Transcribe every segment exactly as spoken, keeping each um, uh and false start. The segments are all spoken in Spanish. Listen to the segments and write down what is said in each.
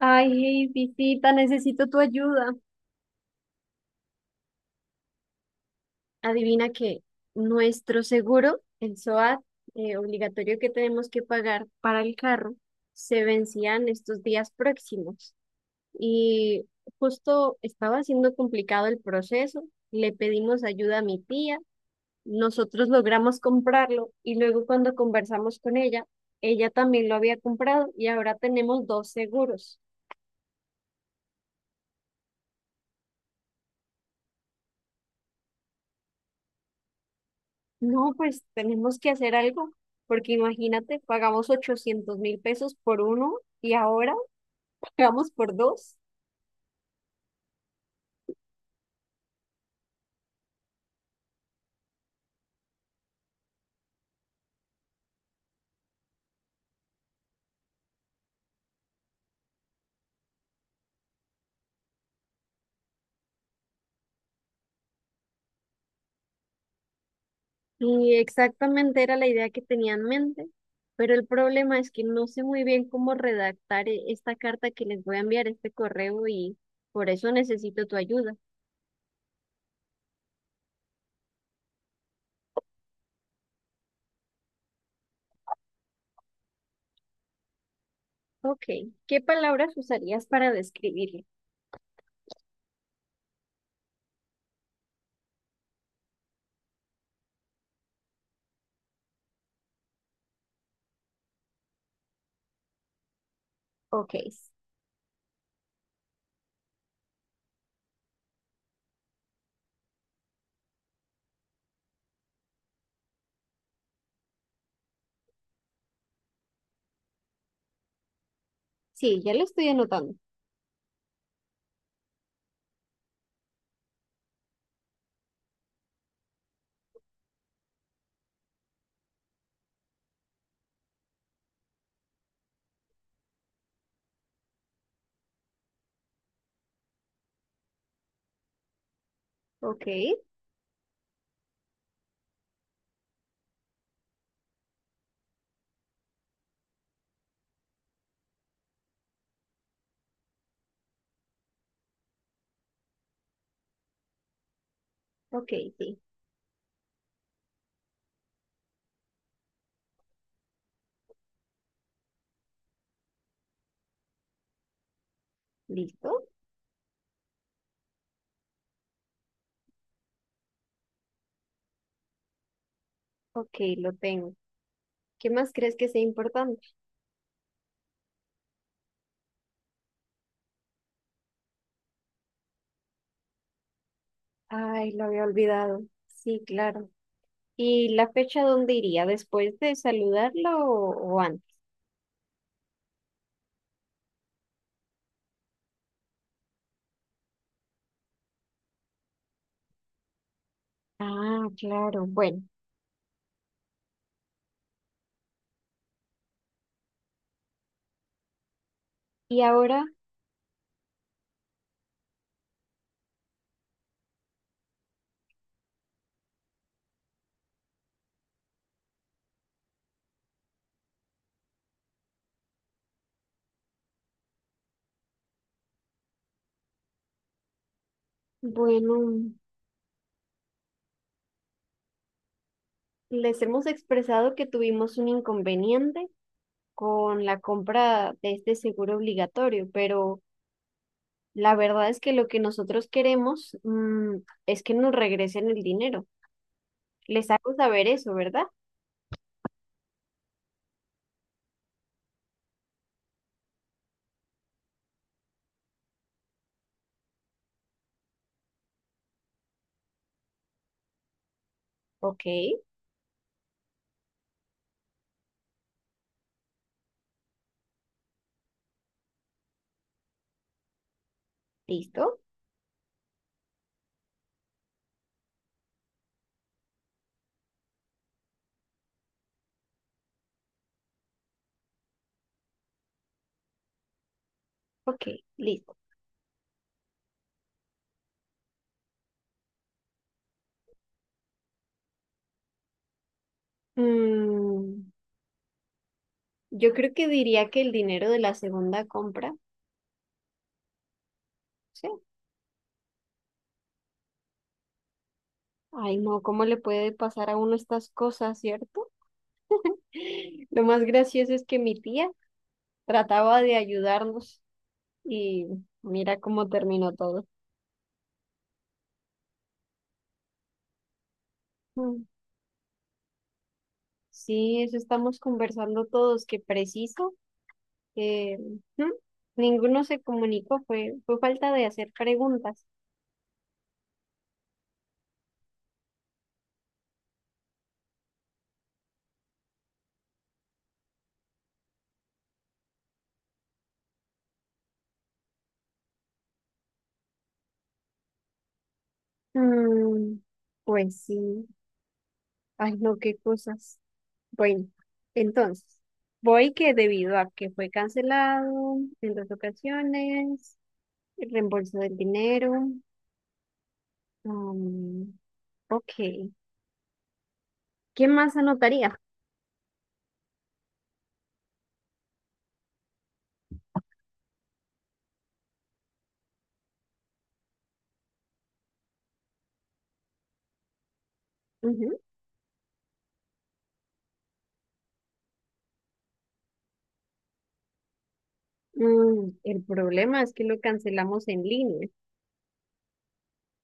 Ay, hey, visita, necesito tu ayuda. Adivina que nuestro seguro, el SOAT, eh, obligatorio que tenemos que pagar para el carro, se vencía en estos días próximos. Y justo estaba siendo complicado el proceso, le pedimos ayuda a mi tía, nosotros logramos comprarlo y luego cuando conversamos con ella, ella también lo había comprado y ahora tenemos dos seguros. No, pues tenemos que hacer algo, porque imagínate, pagamos ochocientos mil pesos por uno y ahora pagamos por dos. Y exactamente era la idea que tenía en mente, pero el problema es que no sé muy bien cómo redactar e- esta carta que les voy a enviar, este correo, y por eso necesito tu ayuda. Ok, ¿qué palabras usarías para describirlo? Ok, s- sí, ya lo estoy anotando. Ok, ok, sí, listo. Ok, lo tengo. ¿Qué más crees que sea importante? Ay, lo había olvidado. Sí, claro. ¿Y la fecha dónde iría? ¿Después de saludarla o, o antes? Ah, claro. Bueno, y ahora, bueno, les hemos expresado que tuvimos un inconveniente con la compra de este seguro obligatorio, pero la verdad es que lo que nosotros queremos, mm, es que nos regresen el dinero. Les hago saber eso, ¿verdad? Ok, listo. Ok, listo. Mm, yo creo que diría que el dinero de la segunda compra, sí. Ay, no, ¿cómo le puede pasar a uno estas cosas, cierto? Lo más gracioso es que mi tía trataba de ayudarnos y mira cómo terminó todo. Mm. Sí, eso estamos conversando todos, que preciso. eh, mm, Ninguno se comunicó, fue, fue falta de hacer preguntas. Mm, pues sí, ay, no, qué cosas. Bueno, entonces, voy que debido a que fue cancelado en dos ocasiones, el reembolso del dinero. um, ok, ¿qué más anotaría? Ujú. Mm, el problema es que lo cancelamos en línea,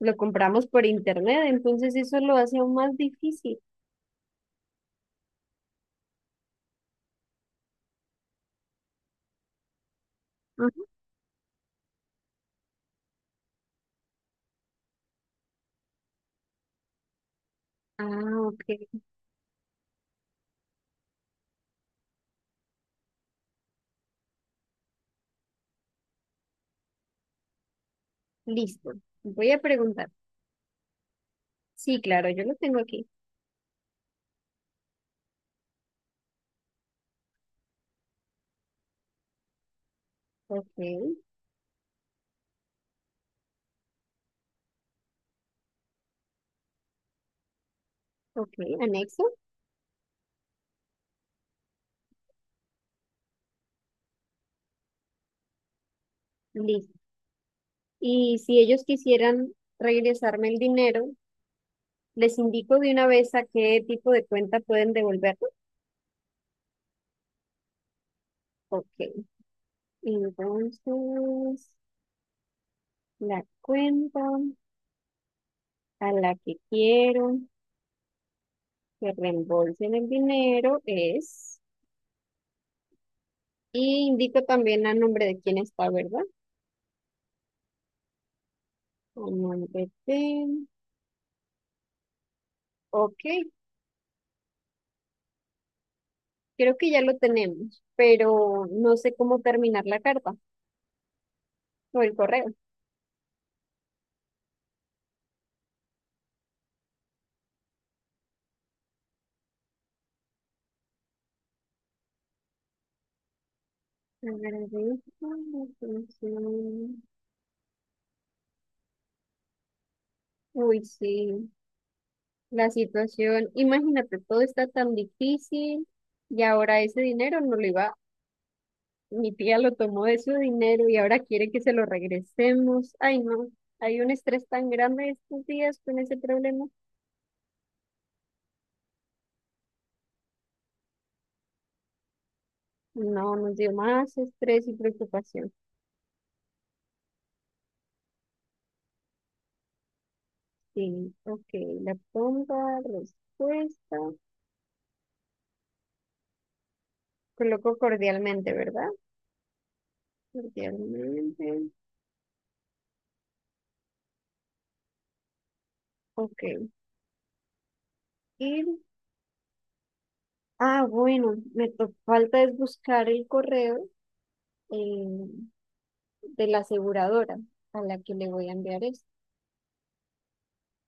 lo compramos por internet, entonces eso lo hace aún más difícil. Ujú. Ah, ok, listo. Voy a preguntar. Sí, claro, yo lo tengo aquí. Ok, ok, anexo. Listo. Y si ellos quisieran regresarme el dinero, les indico de una vez a qué tipo de cuenta pueden devolverlo. Ok, entonces la cuenta a la que quiero que reembolsen el dinero es, y indico también a nombre de quién está, ¿verdad? A nombre de... Ok, creo que ya lo tenemos, pero no sé cómo terminar la carta o el correo. Agradezco la atención. Uy, sí, la situación, imagínate, todo está tan difícil y ahora ese dinero no le va, mi tía lo tomó de su dinero y ahora quiere que se lo regresemos. Ay, no, hay un estrés tan grande estos días con ese problema. No, nos dio más estrés y preocupación. Sí, ok, la pronta respuesta. Coloco cordialmente, ¿verdad? Cordialmente. Ok, ir. Ah, bueno, me to- falta es buscar el correo eh, de la aseguradora a la que le voy a enviar esto.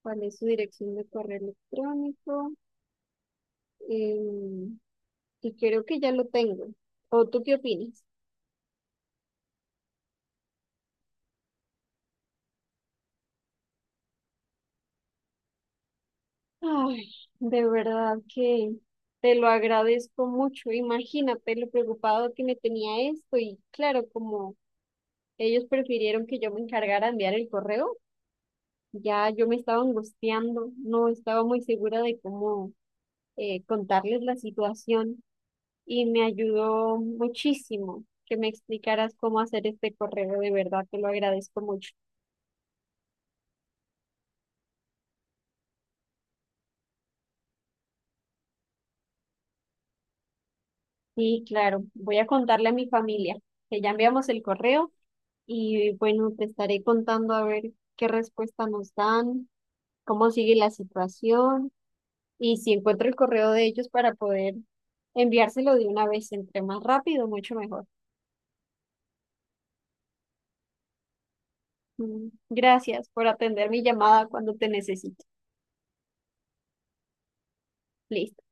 ¿Cuál es su dirección de correo electrónico? Em, y creo que ya lo tengo. ¿O tú qué opinas? Ay, de verdad que te lo agradezco mucho. Imagínate lo preocupado que me tenía esto y claro, como ellos prefirieron que yo me encargara de enviar el correo, ya yo me estaba angustiando, no estaba muy segura de cómo eh, contarles la situación. Y me ayudó muchísimo que me explicaras cómo hacer este correo, de verdad te lo agradezco mucho. Sí, claro, voy a contarle a mi familia que ya enviamos el correo y bueno, te estaré contando a ver qué respuesta nos dan, cómo sigue la situación y si encuentro el correo de ellos para poder enviárselo de una vez, entre más rápido, mucho mejor. Mm, gracias por atender mi llamada cuando te necesito. Listo.